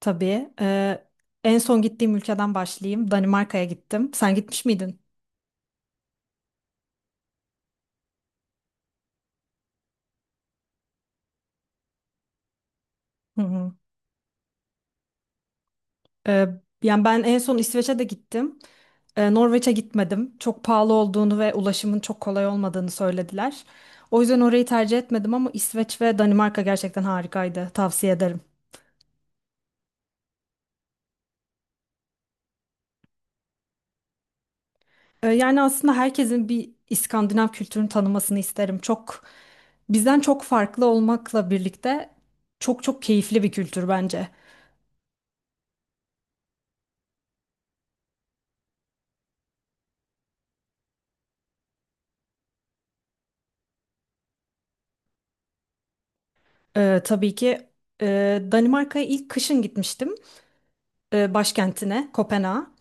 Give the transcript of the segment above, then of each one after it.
Tabii. En son gittiğim ülkeden başlayayım. Danimarka'ya gittim. Sen gitmiş miydin? Hı hı. Ee, Yani ben en son İsveç'e de gittim. Norveç'e gitmedim. Çok pahalı olduğunu ve ulaşımın çok kolay olmadığını söylediler. O yüzden orayı tercih etmedim ama İsveç ve Danimarka gerçekten harikaydı. Tavsiye ederim. Yani aslında herkesin bir İskandinav kültürünü tanımasını isterim. Bizden çok farklı olmakla birlikte çok çok keyifli bir kültür bence. Tabii ki, e, Danimarka'ya ilk kışın gitmiştim, başkentine Kopenhag'a.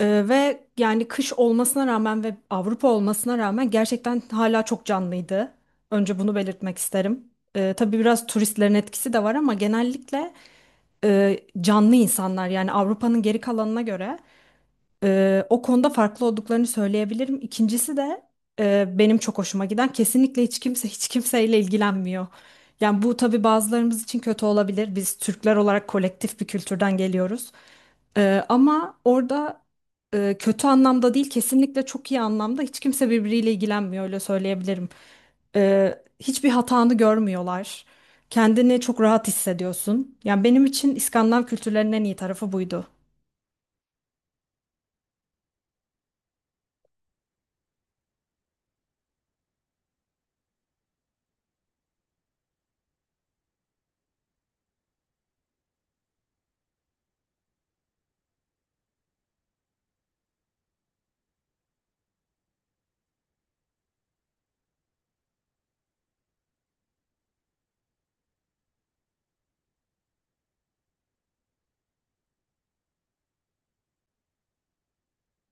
Ve yani kış olmasına rağmen ve Avrupa olmasına rağmen gerçekten hala çok canlıydı. Önce bunu belirtmek isterim. Tabii biraz turistlerin etkisi de var ama genellikle canlı insanlar yani Avrupa'nın geri kalanına göre. O konuda farklı olduklarını söyleyebilirim. İkincisi de benim çok hoşuma giden, kesinlikle hiç kimse hiç kimseyle ilgilenmiyor. Yani bu tabii bazılarımız için kötü olabilir. Biz Türkler olarak kolektif bir kültürden geliyoruz. Ama orada, kötü anlamda değil kesinlikle çok iyi anlamda, hiç kimse birbiriyle ilgilenmiyor, öyle söyleyebilirim. Hiçbir hatanı görmüyorlar. Kendini çok rahat hissediyorsun. Yani benim için İskandinav kültürlerinin en iyi tarafı buydu.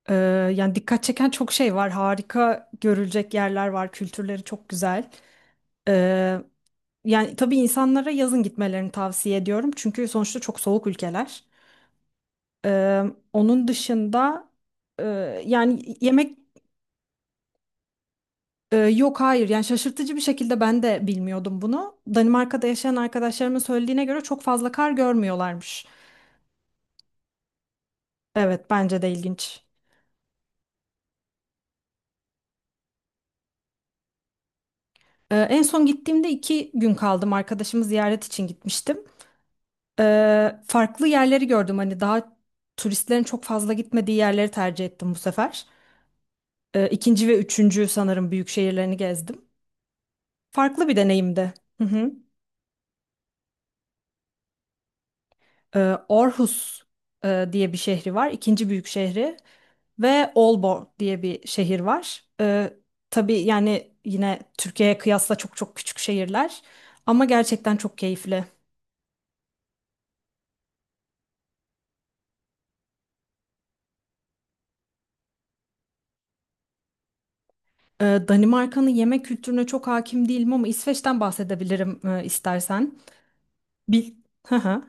Ee, Yani dikkat çeken çok şey var. Harika görülecek yerler var. Kültürleri çok güzel. Ee, Yani tabii insanlara yazın gitmelerini tavsiye ediyorum. Çünkü sonuçta çok soğuk ülkeler. Ee, Onun dışında, e, yani yemek... Yok, hayır. Yani şaşırtıcı bir şekilde ben de bilmiyordum bunu. Danimarka'da yaşayan arkadaşlarımın söylediğine göre çok fazla kar görmüyorlarmış. Evet, bence de ilginç. En son gittiğimde 2 gün kaldım. Arkadaşımı ziyaret için gitmiştim. Farklı yerleri gördüm. Hani daha turistlerin çok fazla gitmediği yerleri tercih ettim bu sefer. İkinci ve üçüncü sanırım büyük şehirlerini gezdim. Farklı bir deneyimdi. Hı hı. Ee, Aarhus diye bir şehri var, ikinci büyük şehri. Ve Aalborg diye bir şehir var. Tabii yani yine Türkiye'ye kıyasla çok çok küçük şehirler. Ama gerçekten çok keyifli. Danimarka'nın yemek kültürüne çok hakim değilim ama İsveç'ten bahsedebilirim, istersen. Bil Hı hı.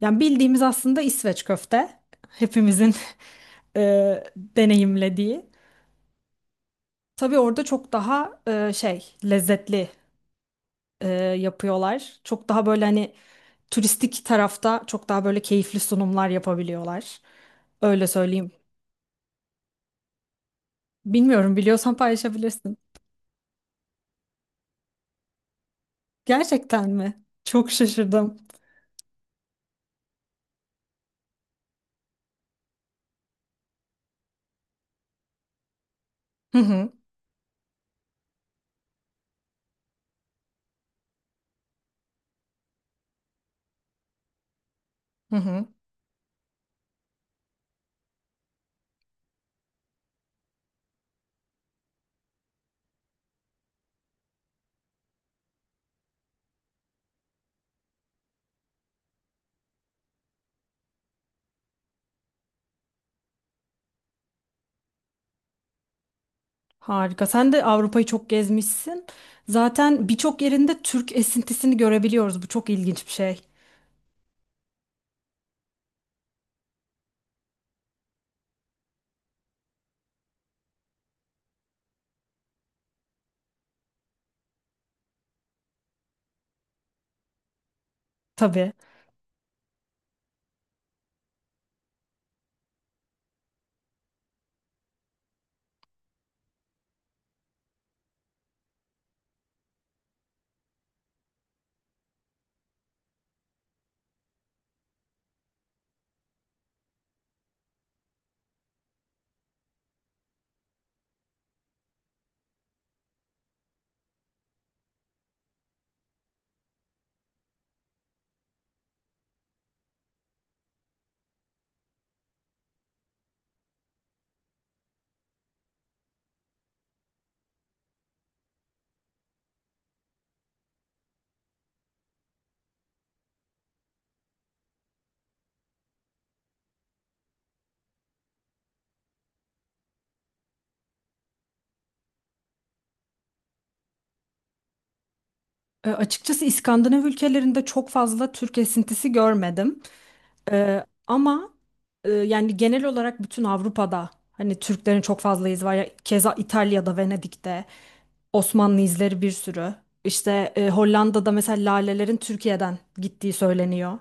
Yani bildiğimiz aslında İsveç köfte. Hepimizin deneyimlediği. Tabii orada çok daha şey, lezzetli, e, yapıyorlar. Çok daha böyle hani turistik tarafta çok daha böyle keyifli sunumlar yapabiliyorlar. Öyle söyleyeyim. Bilmiyorum, biliyorsan paylaşabilirsin. Gerçekten mi? Çok şaşırdım. Hı hı. Hı hı. Harika. Sen de Avrupa'yı çok gezmişsin. Zaten birçok yerinde Türk esintisini görebiliyoruz. Bu çok ilginç bir şey. Tabii. Açıkçası İskandinav ülkelerinde çok fazla Türk esintisi görmedim. E, ama Yani genel olarak bütün Avrupa'da hani Türklerin çok fazla izi var. Ya, keza İtalya'da, Venedik'te, Osmanlı izleri bir sürü. İşte, Hollanda'da mesela lalelerin Türkiye'den gittiği söyleniyor.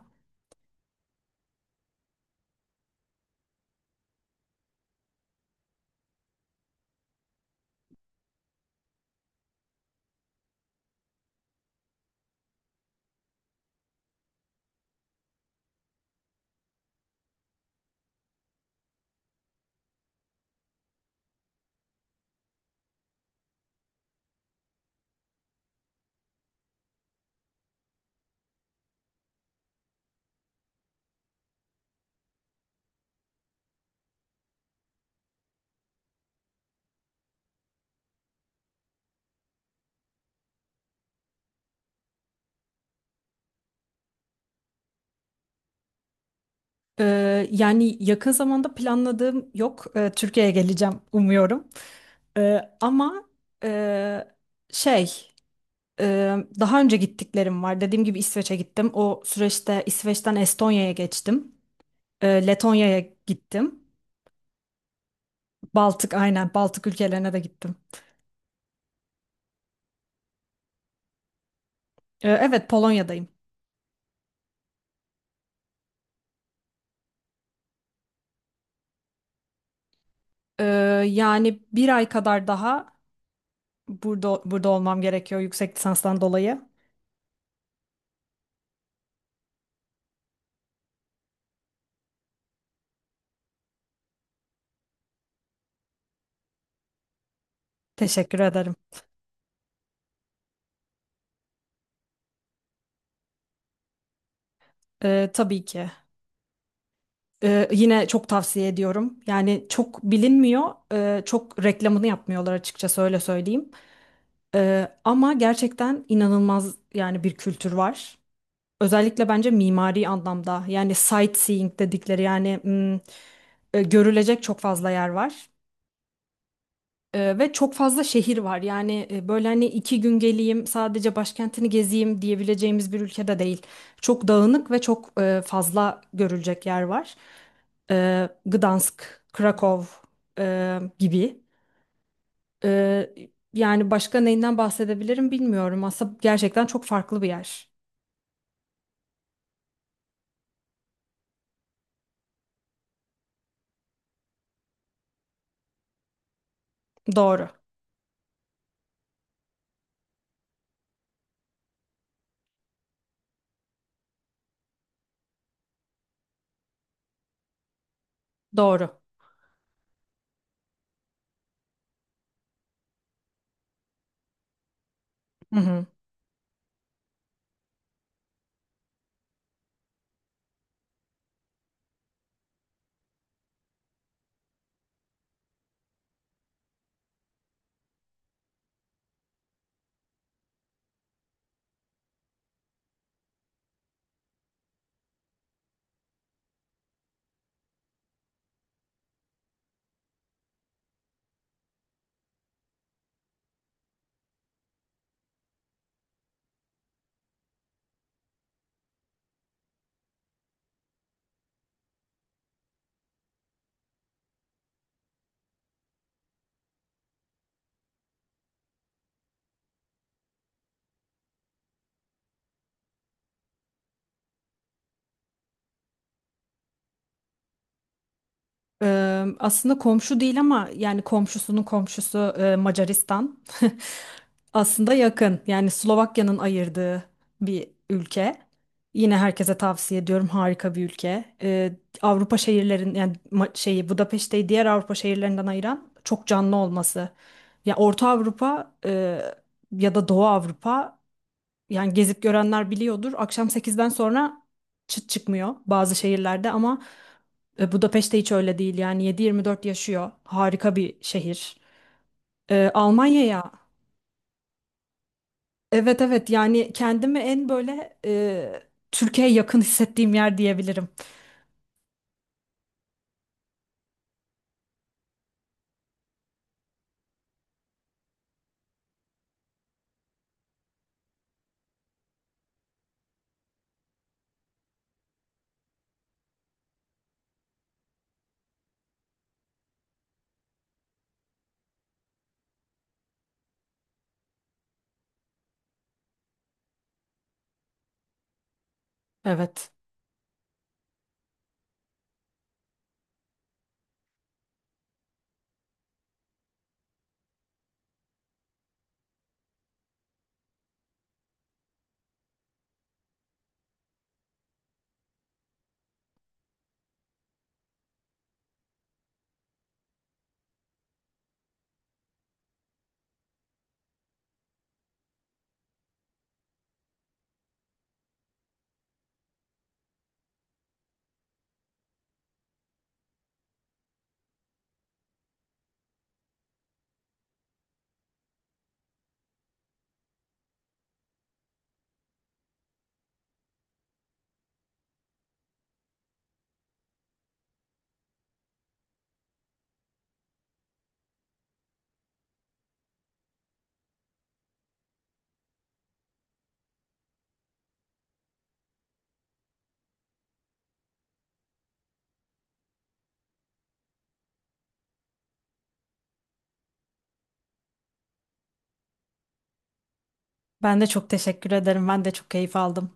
E, Yani yakın zamanda planladığım yok. E, Türkiye'ye geleceğim umuyorum. E, ama e, şey. Daha önce gittiklerim var. Dediğim gibi İsveç'e gittim. O süreçte İsveç'ten Estonya'ya geçtim. Letonya'ya gittim. Baltık, aynen, Baltık ülkelerine de gittim. Evet, Polonya'dayım. Ee, Yani 1 ay kadar daha burada olmam gerekiyor yüksek lisanstan dolayı. Teşekkür ederim. Tabii ki. Yine çok tavsiye ediyorum. Yani çok bilinmiyor, çok reklamını yapmıyorlar açıkçası, öyle söyleyeyim. Ama gerçekten inanılmaz yani bir kültür var. Özellikle bence mimari anlamda, yani sightseeing dedikleri yani, görülecek çok fazla yer var. Ve çok fazla şehir var. Yani böyle hani 2 gün geleyim sadece başkentini gezeyim diyebileceğimiz bir ülkede değil. Çok dağınık ve çok fazla görülecek yer var. Gdansk, Krakow gibi. Ee, Yani başka neyinden bahsedebilirim bilmiyorum. Aslında gerçekten çok farklı bir yer. Doğru, doğru. Hı hı. Aslında komşu değil ama yani komşusunun komşusu, Macaristan. Aslında yakın. Yani Slovakya'nın ayırdığı bir ülke. Yine herkese tavsiye ediyorum. Harika bir ülke. Avrupa şehirlerin yani şeyi Budapeşte'yi diğer Avrupa şehirlerinden ayıran çok canlı olması. Ya Orta Avrupa, ya da Doğu Avrupa, yani gezip görenler biliyordur. Akşam 8'den sonra çıt çıkmıyor bazı şehirlerde ama Budapeşte hiç öyle değil. Yani 7/24 yaşıyor. Harika bir şehir. E, Almanya'ya Evet, evet, yani kendimi en böyle, Türkiye'ye yakın hissettiğim yer diyebilirim. Evet. Ben de çok teşekkür ederim. Ben de çok keyif aldım.